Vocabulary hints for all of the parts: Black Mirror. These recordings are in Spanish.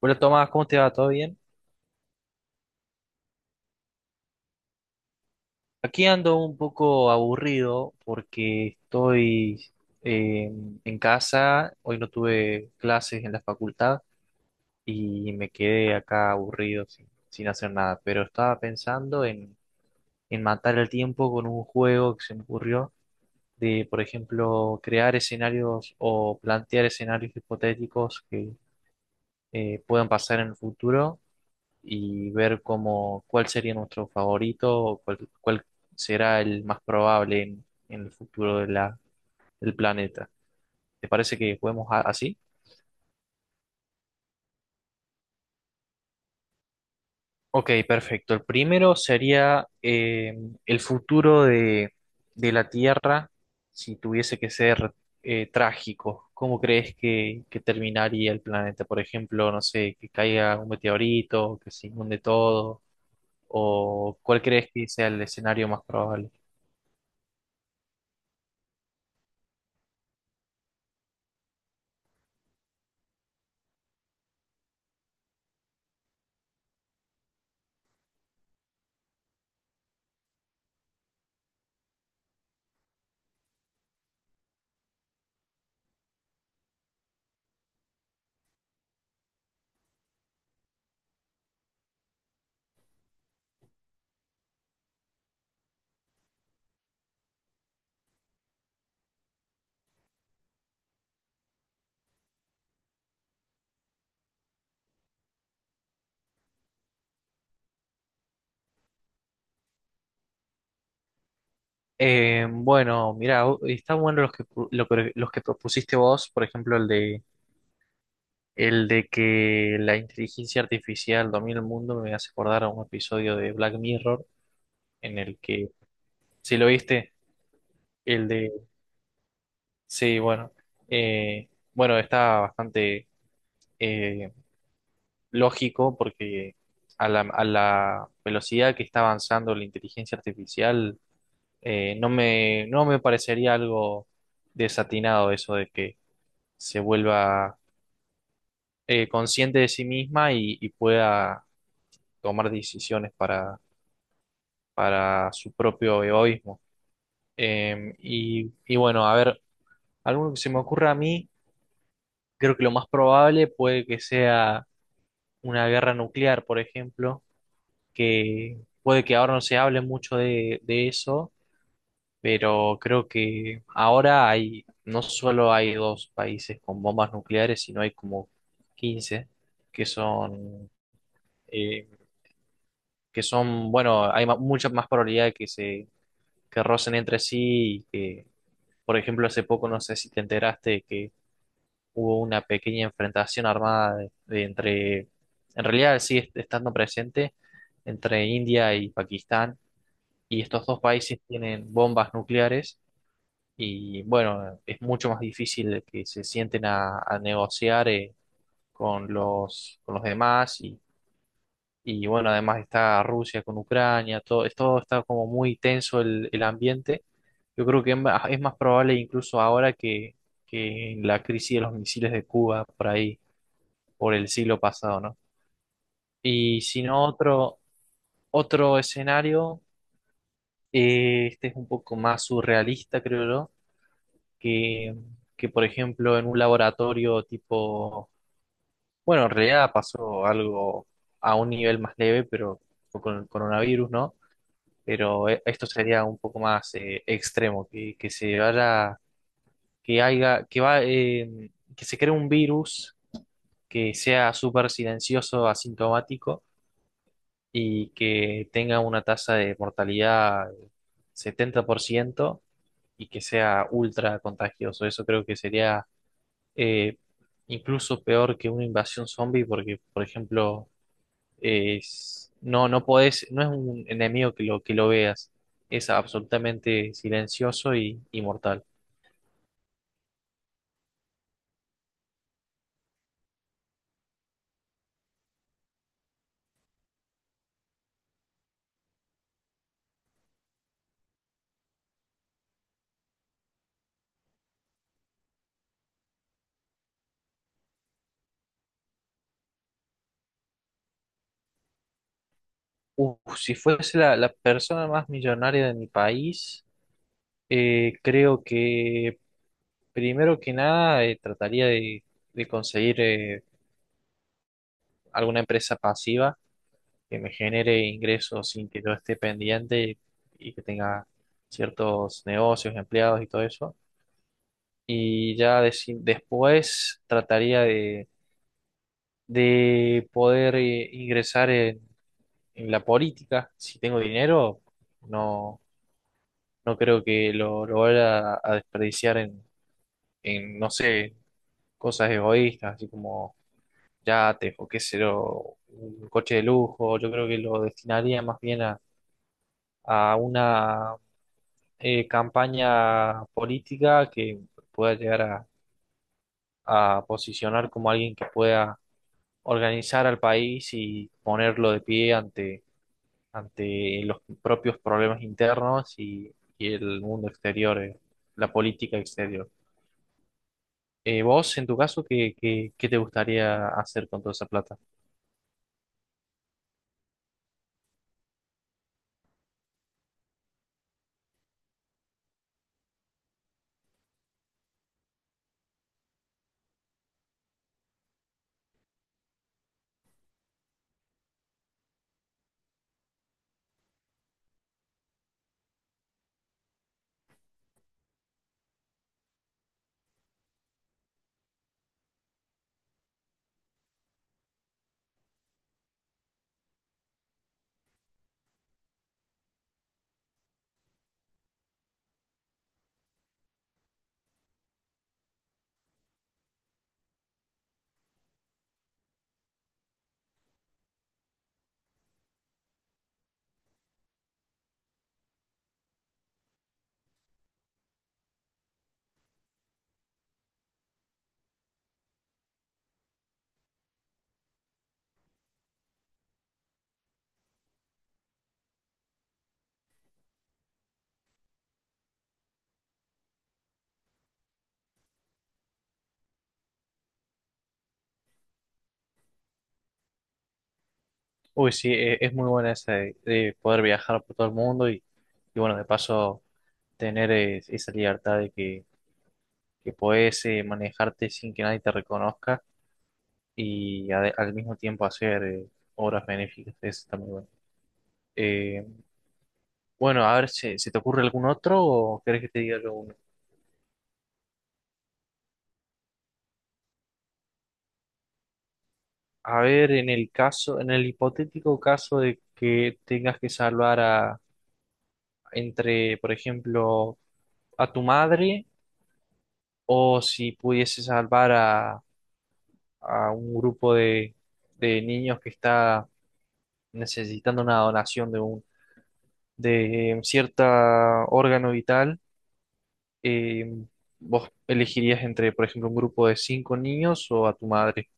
Hola Tomás, ¿cómo te va? ¿Todo bien? Aquí ando un poco aburrido porque estoy eh, en casa. Hoy no tuve clases en la facultad y me quedé acá aburrido sin hacer nada, pero estaba pensando en matar el tiempo con un juego que se me ocurrió de, por ejemplo, crear escenarios o plantear escenarios hipotéticos que puedan pasar en el futuro, y ver cuál sería nuestro favorito, o cuál será el más probable en el futuro del planeta. ¿Te parece que juguemos así? Ok, perfecto. El primero sería el futuro de la Tierra, si tuviese que ser trágico. ¿Cómo crees que terminaría el planeta? Por ejemplo, no sé, que caiga un meteorito, que se inunde todo, o ¿cuál crees que sea el escenario más probable? Bueno, mira, está bueno los que, pu- lo que- los que propusiste vos. Por ejemplo, el de que la inteligencia artificial domina el mundo me hace acordar a un episodio de Black Mirror en el que, si lo viste, el de, sí, bueno, bueno, está bastante eh, lógico, porque a la velocidad que está avanzando la inteligencia artificial, no me, no me parecería algo desatinado eso de que se vuelva consciente de sí misma y pueda tomar decisiones para su propio egoísmo. Y bueno, a ver, algo que se me ocurra a mí, creo que lo más probable puede que sea una guerra nuclear, por ejemplo. Que puede que ahora no se hable mucho de eso, pero creo que ahora no solo hay dos países con bombas nucleares, sino hay como 15, que son eh, bueno, hay mucha más probabilidad de que se que rocen entre sí. Y que, por ejemplo, hace poco, no sé si te enteraste que hubo una pequeña enfrentación armada de entre, en realidad sigue estando presente, entre India y Pakistán, y estos dos países tienen bombas nucleares, y, bueno, es mucho más difícil que se sienten a negociar con los demás. Y bueno, además está Rusia con Ucrania. Todo, todo está como muy tenso el ambiente. Yo creo que es más probable incluso ahora que la crisis de los misiles de Cuba por ahí, por el siglo pasado, ¿no? Y si no, otro escenario. Este es un poco más surrealista, creo yo, que, que por ejemplo, en un laboratorio tipo, bueno, en realidad pasó algo a un nivel más leve, pero con el coronavirus, ¿no? Pero esto sería un poco más extremo. Que se vaya, que haya, Que se cree un virus que sea súper silencioso, asintomático, y que tenga una tasa de mortalidad 70% y que sea ultra contagioso. Eso creo que sería eh, incluso peor que una invasión zombie, porque, por ejemplo, no podés, no es un enemigo que lo veas. Es absolutamente silencioso y mortal. Uf, si fuese la, la persona más millonaria de mi país, creo que primero que nada trataría de conseguir alguna empresa pasiva que me genere ingresos sin que yo esté pendiente, y que tenga ciertos negocios, empleados y todo eso. Y ya después trataría de poder ingresar en la política. Si tengo dinero, no, no creo que lo vaya a desperdiciar en, no sé, cosas egoístas, así como yates, o qué sé yo, un coche de lujo. Yo creo que lo destinaría más bien a una campaña política, que pueda llegar a posicionar como alguien que pueda organizar al país y ponerlo de pie ante ante los propios problemas internos y el mundo exterior, la política exterior. Vos, en tu caso, ¿qué, qué, qué te gustaría hacer con toda esa plata? Uy, sí, es muy buena esa de poder viajar por todo el mundo, y bueno, de paso, tener esa libertad de que podés manejarte sin que nadie te reconozca, y al mismo tiempo hacer obras benéficas. Eso está muy bueno. Eh, bueno, a ver si se te ocurre algún otro, o querés que te diga alguno. A ver, en el caso, en el hipotético caso de que tengas que salvar entre, por ejemplo, a tu madre, o si pudiese salvar a un grupo de niños que está necesitando una donación de un, de cierta órgano vital, eh, ¿vos elegirías entre, por ejemplo, un grupo de cinco niños o a tu madre?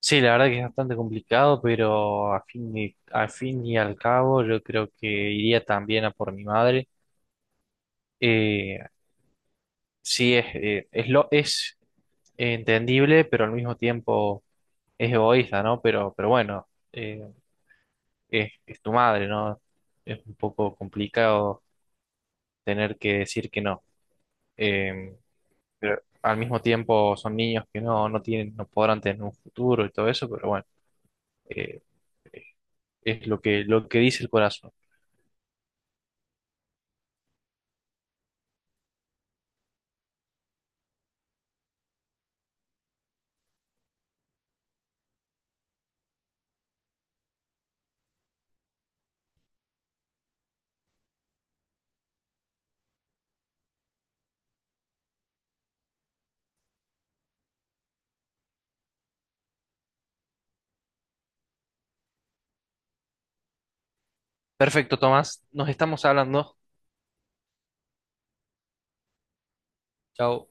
Sí, la verdad que es bastante complicado, pero a fin y al cabo yo creo que iría también a por mi madre. Eh, sí, es entendible, pero al mismo tiempo es egoísta, ¿no? Pero bueno, es tu madre, ¿no? Es un poco complicado tener que decir que no. Eh, pero al mismo tiempo son niños que tienen, no podrán tener un futuro y todo eso, pero bueno, eh, es lo que dice el corazón. Perfecto, Tomás. Nos estamos hablando. Chao.